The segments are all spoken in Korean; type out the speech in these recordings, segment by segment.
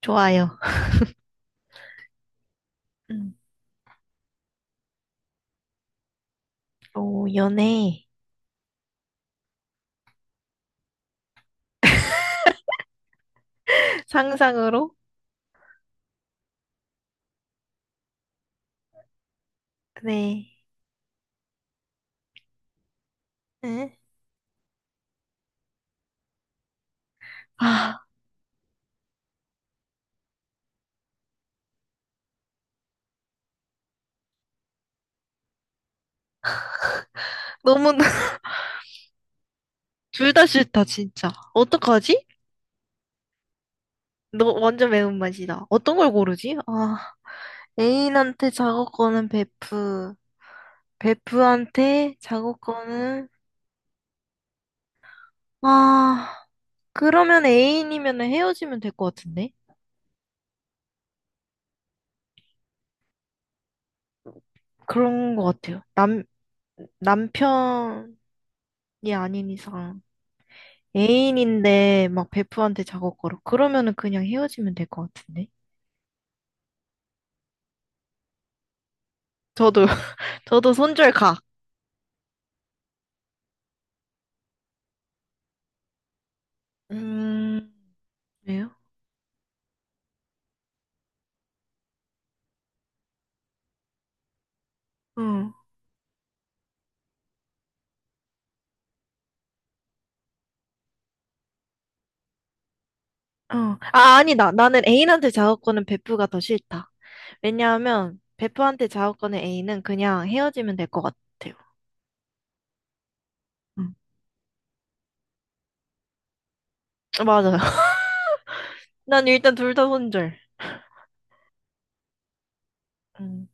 좋아요. 음, 오, 연애. 상상으로? 네. 응? 아, 너무 둘 다 싫다 진짜. 어떡하지? 너 완전 매운맛이다. 어떤 걸 고르지? 아, 애인한테 작업권은 베프. 베프한테 작업권은. 아, 그러면 애인이면 헤어지면 될 것 같은데? 그런 것 같아요. 남 남편이 아닌 이상. 애인인데 막 베프한테 작업 걸어. 그러면은 그냥 헤어지면 될 것 같은데. 저도 저도 손절 가. 음, 왜요? 응. 어. 아, 아니다. 나는 애인한테 작업 거는 베프가 더 싫다. 왜냐하면 베프한테 작업 거는 애인은 그냥 헤어지면 될 것 같아요. 응. 맞아요. 난 일단 둘 다 손절. 음,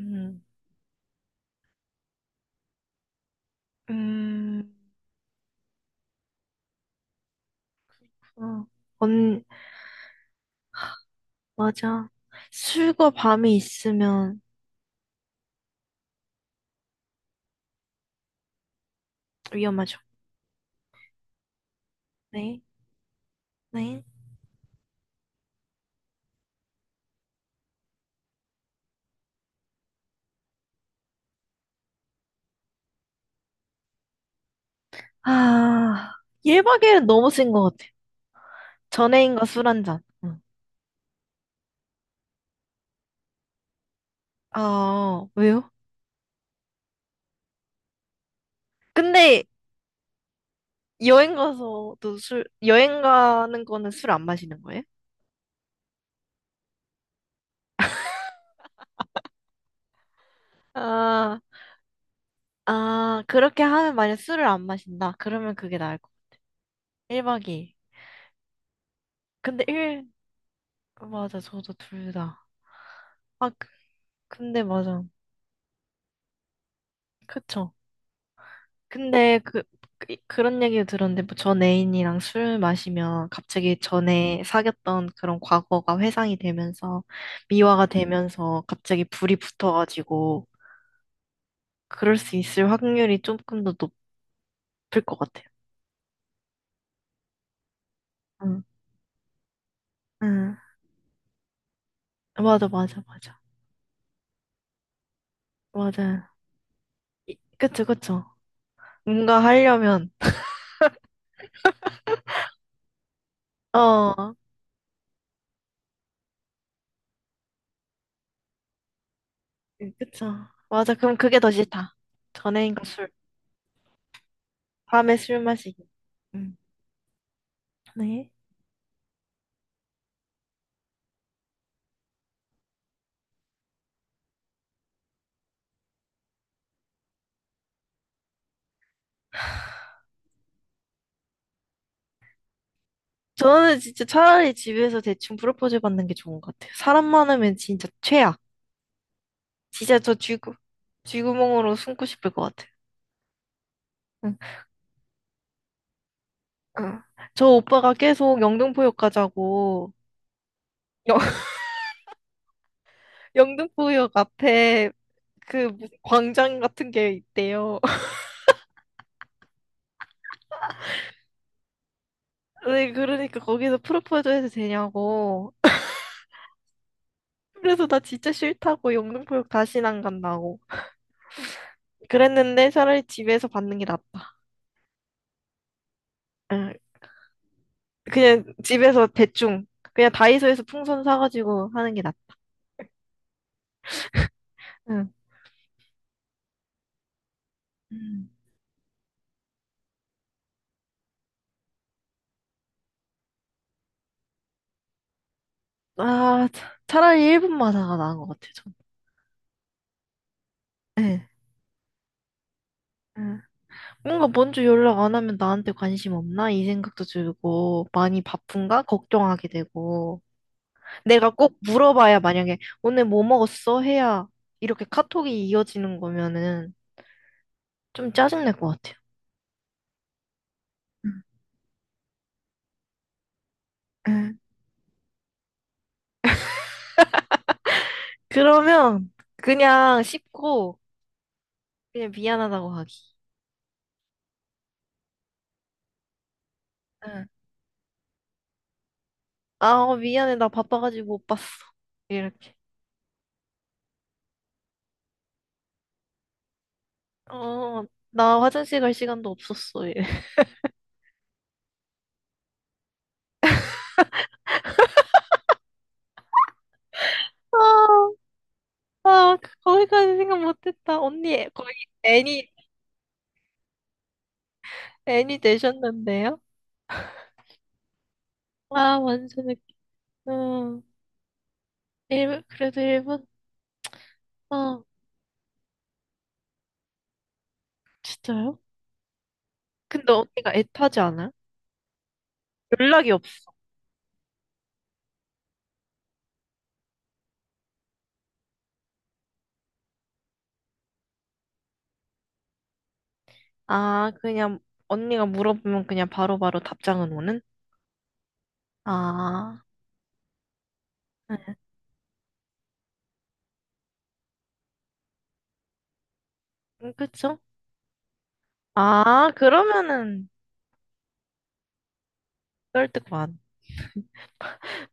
음. 음. 어. 언 맞아. 술과 밤이 있으면 위험하죠. 네. 네. 아, 1박 2일은 너무 센 것 같아. 전에인과 술 한 잔. 응. 아, 왜요? 근데 여행 가서도 여행 가는 거는 술 안 마시는 거예요? 아, 아, 그렇게 하면 만약 술을 안 마신다. 그러면 그게 나을 거. 1박 2일. 근데 1, 맞아, 저도 둘 다. 아, 근데 맞아. 그쵸. 근데 그런 얘기를 들었는데 뭐 전 애인이랑 술 마시면 갑자기 전에 사귀었던 그런 과거가 회상이 되면서 미화가 되면서 갑자기 불이 붙어가지고 그럴 수 있을 확률이 조금 더 높을 것 같아요. 응, 응. 맞아, 맞아, 맞아. 맞아. 그쵸, 그쵸. 뭔가 하려면, 어, 그쵸. 맞아. 그럼 그게 더 싫다. 전 애인과 술. 밤에 술 마시기. 응. 네. 저는 진짜 차라리 집에서 대충 프로포즈 받는 게 좋은 것 같아요. 사람 많으면 진짜 최악. 진짜 저 쥐구멍으로 숨고 싶을 것 같아요. 응. 응. 저 오빠가 계속 영등포역 가자고, 영, 영등포역 앞에 그 무슨 광장 같은 게 있대요. 네, 그러니까 거기서 프로포즈 해도 되냐고. 그래서 나 진짜 싫다고 영등포역 다시는 안 간다고. 그랬는데 차라리 집에서 받는 게 낫다. 응. 그냥 집에서 대충 그냥 다이소에서 풍선 사가지고 하는 게 낫다. 응. 음. 아, 차라리 1분 마사가 나은 것 같아, 전. 네. 응. 뭔가 먼저 연락 안 하면 나한테 관심 없나? 이 생각도 들고, 많이 바쁜가? 걱정하게 되고. 내가 꼭 물어봐야 만약에 오늘 뭐 먹었어? 해야 이렇게 카톡이 이어지는 거면은 좀 짜증날 것 같아요. 응. 응. 그러면 그냥 씹고 그냥 미안하다고 하기. 응. 아, 어, 미안해. 나 바빠가지고 못 봤어. 이렇게. 어, 나 화장실 갈 시간도 없었어. 이래. 아, 아, 거기까지 생각 못했다. 언니, 거의 애니, 애니 되셨는데요? 아, 완전 웃겨. 어, 그래도 일본? 어, 진짜요? 근데 언니가 애타지 않아요? 연락이 없어. 아, 그냥 언니가 물어보면 그냥 바로바로 답장은 오는? 아, 그쵸? 아, 그러면은 설득 반.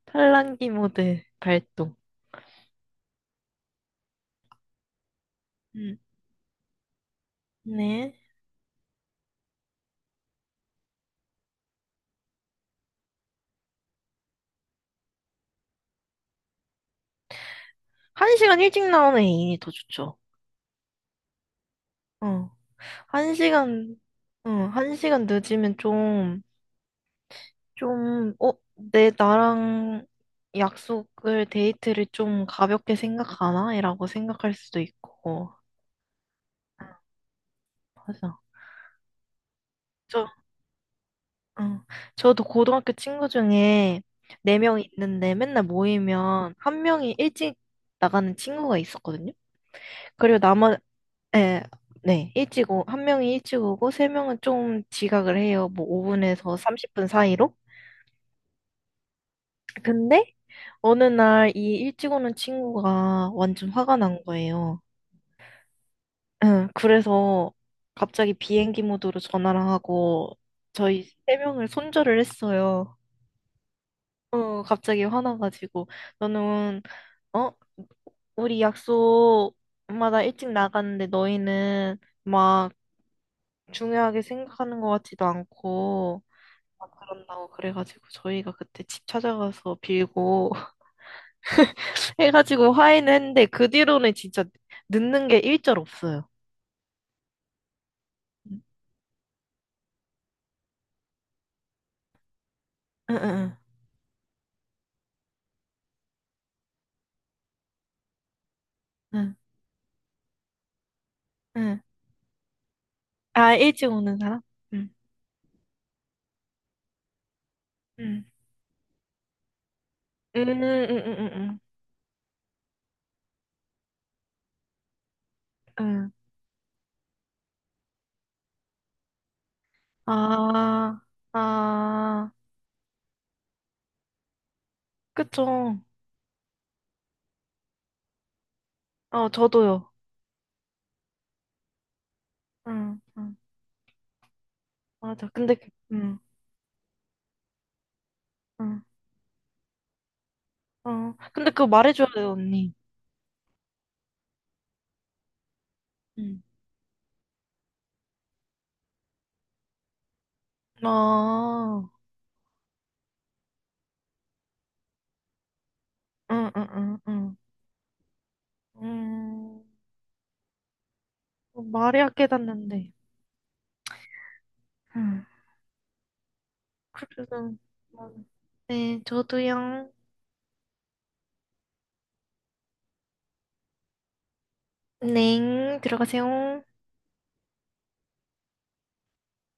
팔랑기 모드 발동. 음. 네. 한 시간 일찍 나오는 애인이 더 좋죠. 어. 한 시간, 한 시간 늦으면 좀, 내 나랑 데이트를 좀 가볍게 생각하나? 이라고 생각할 수도 있고. 맞아. 저, 어, 저도 고등학교 친구 중에 네 명 있는데 맨날 모이면 한 명이 일찍 나가는 친구가 있었거든요. 그리고 네, 네, 한 명이 일찍 오고, 세 명은 좀 지각을 해요. 뭐 5분에서 30분 사이로. 근데 어느 날 이 일찍 오는 친구가 완전 화가 난 거예요. 응, 그래서 갑자기 비행기 모드로 전화를 하고, 저희 세 명을 손절을 했어요. 갑자기 화나가지고, 너는, 어? 우리 약속마다 일찍 나갔는데 너희는 막 중요하게 생각하는 것 같지도 않고, 막 그런다고 그래가지고 저희가 그때 집 찾아가서 빌고 해가지고 화해는 했는데 그 뒤로는 진짜 늦는 게 일절 없어요. 응응응 응. 응. 응. 아, 일찍 오는 사람? 응. 응. 응응응응응. 응. 아, 아, 그쵸. 어, 저도요. 응, 응, 맞아. 응, 응, 근데 그거 말해줘야 돼요, 언니. 응. 아, 응, 응, 응, 응. 음. 말해야 깨닫는데. 음. 그래서, 음. 네, 저도요. 넹, 들어가세요.